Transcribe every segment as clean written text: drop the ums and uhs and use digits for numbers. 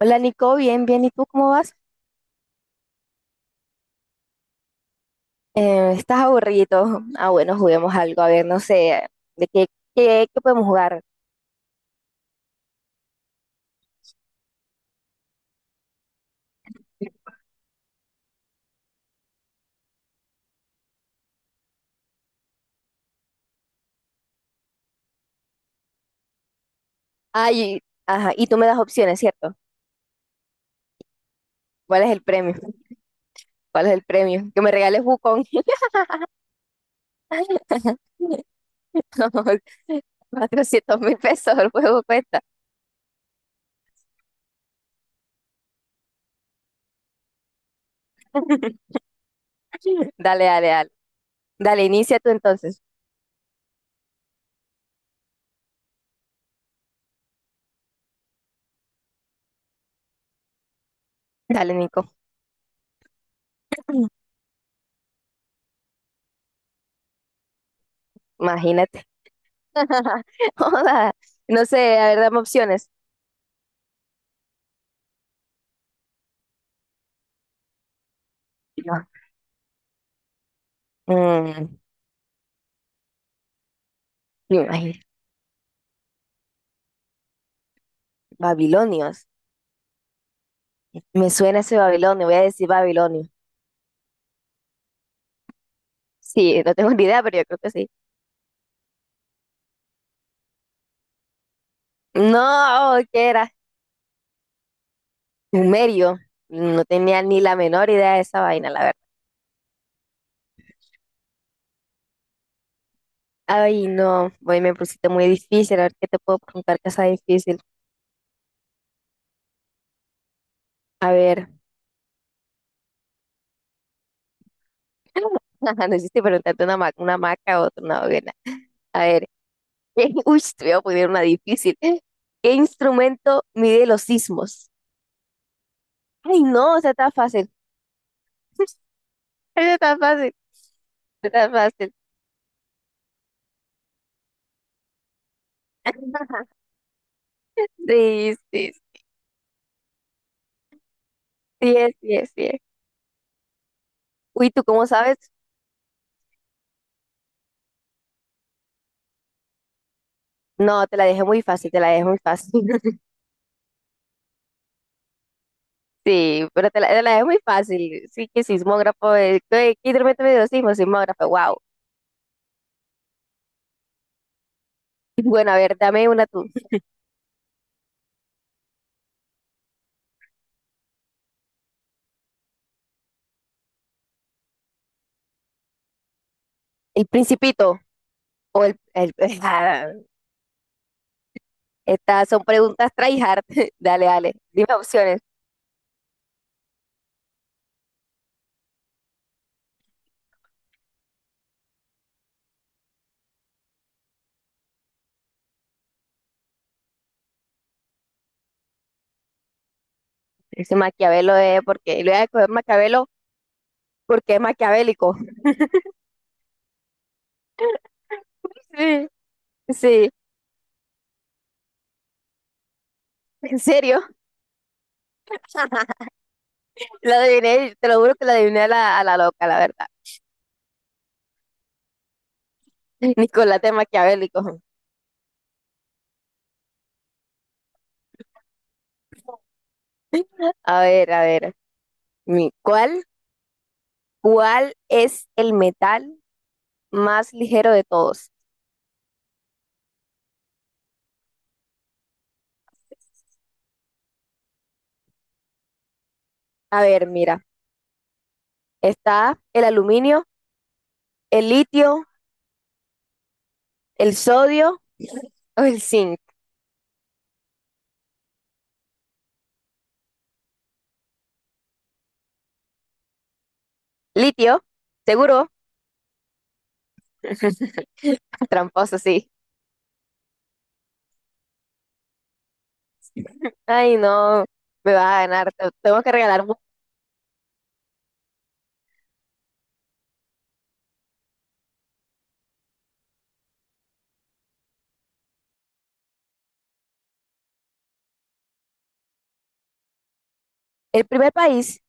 Hola Nico, bien, bien. ¿Y tú cómo vas? ¿Estás aburrido? Ah, bueno, juguemos algo. A ver, no sé, ¿de qué, qué podemos jugar? Ay, ajá. Y tú me das opciones, ¿cierto? ¿Cuál es el premio? ¿Cuál es el premio? Que me regales Wukong. 400 mil pesos el juego cuesta. Dale. Dale, inicia tú entonces. Dale, Nico. Imagínate. Joda. No sé, a ver, dame opciones. No. Mm, Me imagino. Babilonios. Me suena ese Babilonio, voy a decir Babilonio. Sí, no tengo ni idea, pero yo creo que sí. No, ¿qué era? Sumerio. No tenía ni la menor idea de esa vaina, la verdad. Ay, no, hoy me pusiste muy difícil. A ver qué te puedo preguntar que sea difícil. A ver. No hiciste preguntarte una maca o otra, una hoguera. A ver. Uy, te voy a poner una difícil. ¿Qué instrumento mide los sismos? Ay, no, esa está fácil. Esa está fácil. Esa está fácil. Sí, sí, 10, 10, 10. Uy, ¿tú cómo sabes? No, te la dejé muy fácil, te la dejé muy fácil. Sí, pero te la dejé muy fácil. Sí, que sismógrafo, que de repente me dio sismo, sismógrafo, wow. Bueno, a ver, dame una tú. ¿El Principito o ah, estas son preguntas tryhard. Dale, dime opciones. Ese Maquiavelo es porque... Le voy a coger Maquiavelo porque es maquiavélico. Sí, sí, en serio. La adiviné, te lo juro que la adiviné a la loca, la verdad. Nicolás de Maquiavélico. A ver. mi- ¿Cuál, cuál es el metal más ligero de todos? A ver, mira. Está el aluminio, el litio, el sodio o el zinc. Litio, seguro. Tramposo, sí. Ay, no. Me va a ganar. Tengo que regalar. El primer país.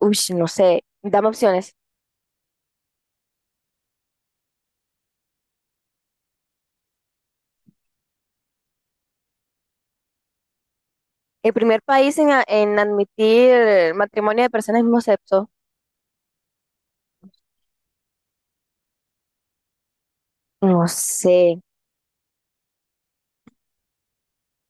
Uy, no sé. Dame opciones. El primer país en, en admitir matrimonio de personas del mismo sexo. No sé.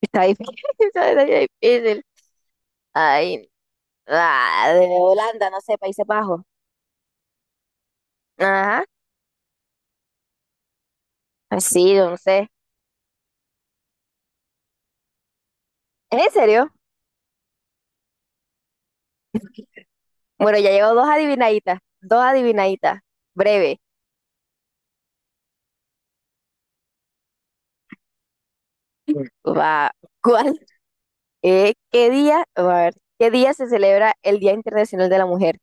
Está difícil. Está difícil. Ay, Ah, de Holanda, no sé, Países Bajos. Ajá, sí, yo no sé. ¿Es en serio? Bueno, ya llevo dos adivinaditas, breve. Va, ¿cuál? ¿Qué día? A ver, ¿qué día se celebra el Día Internacional de la Mujer?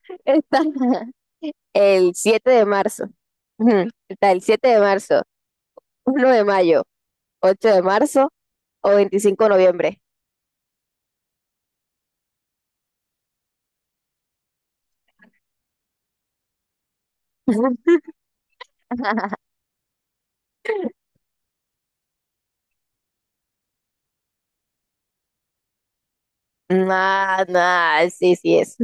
Está el 7 de marzo. Ujú, está el 7 de marzo, 1 de mayo, 8 de marzo o 25 de noviembre. Nah, nah, sí, sí es.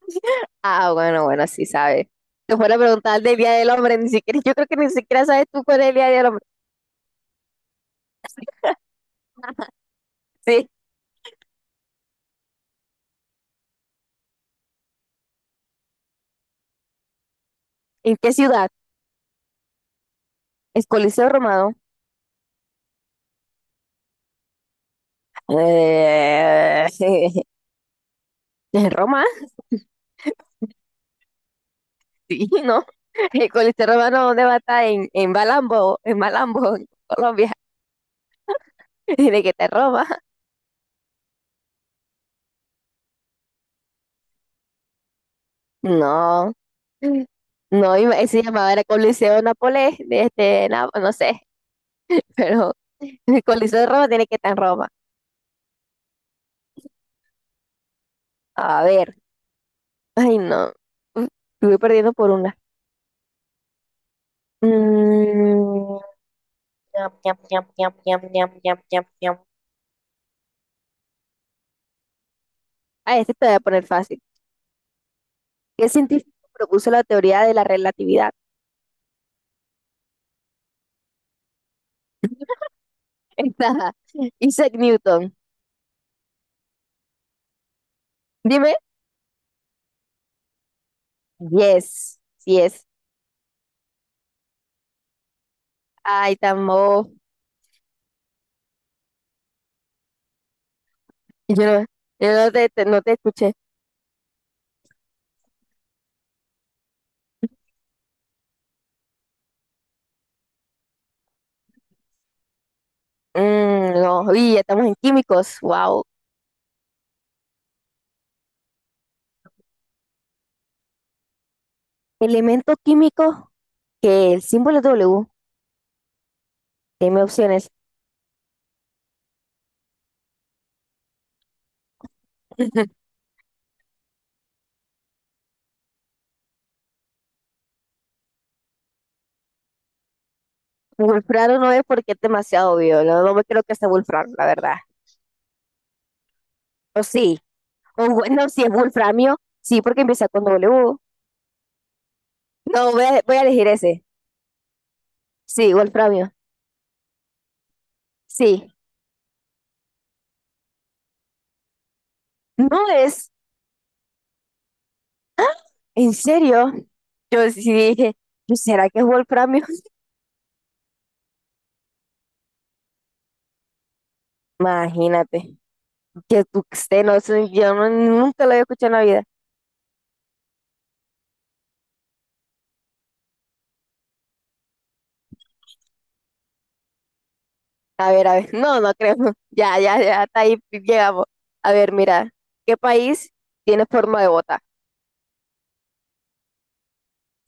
Ah, bueno, bueno, sí sabes. Te fuera a preguntar del Día del Hombre, ni siquiera, yo creo que ni siquiera sabes tú cuál es el Día del Hombre. Sí. ¿En qué ciudad? ¿Es Coliseo Romano? Eh, ¿En Roma? Sí, ¿no? ¿El Coliseo Romano dónde va a estar? En Malambo, en Malambo, en Colombia. ¿De qué te Roma? No. No, se llamaba era Coliseo Nápoles, no sé, pero el Coliseo de Roma tiene que estar en Roma. A ver. Ay, no. Uf, estuve perdiendo por una. Mm, ñam, ñam, ñam, ñam, ñam, ñam. Ah, este te voy a poner fácil. ¿Qué científico propuso la teoría de la relatividad? Está Isaac Newton. Dime. Yes. Sí es. Ay, tan Yo no, yo no no te escuché. Mm, no. Uy, ya estamos en químicos. Wow. Elemento químico que el símbolo es W. Dime opciones. Wolfrano no es porque es demasiado obvio. No, no me creo que sea Wolfrano, la verdad. O sí, o bueno, si es Wolframio, sí, porque empieza con W. No, voy a elegir ese. Sí, Wolframio. Sí. No es, en serio. Yo sí dije, "Yo, ¿será que es Wolframio? Imagínate, que tú usted no, sé, yo no- nunca lo había escuchado en la vida. A ver, no, no creo. Ya, ya, ya, hasta ahí llegamos. A ver, mira, ¿qué país tiene forma de bota?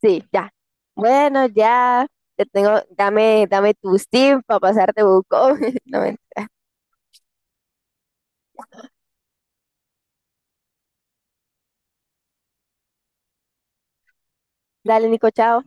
Sí, ya. Bueno, ya, te tengo, dame tu Steam para pasarte buco. No, mentira. Dale, Nico, chao.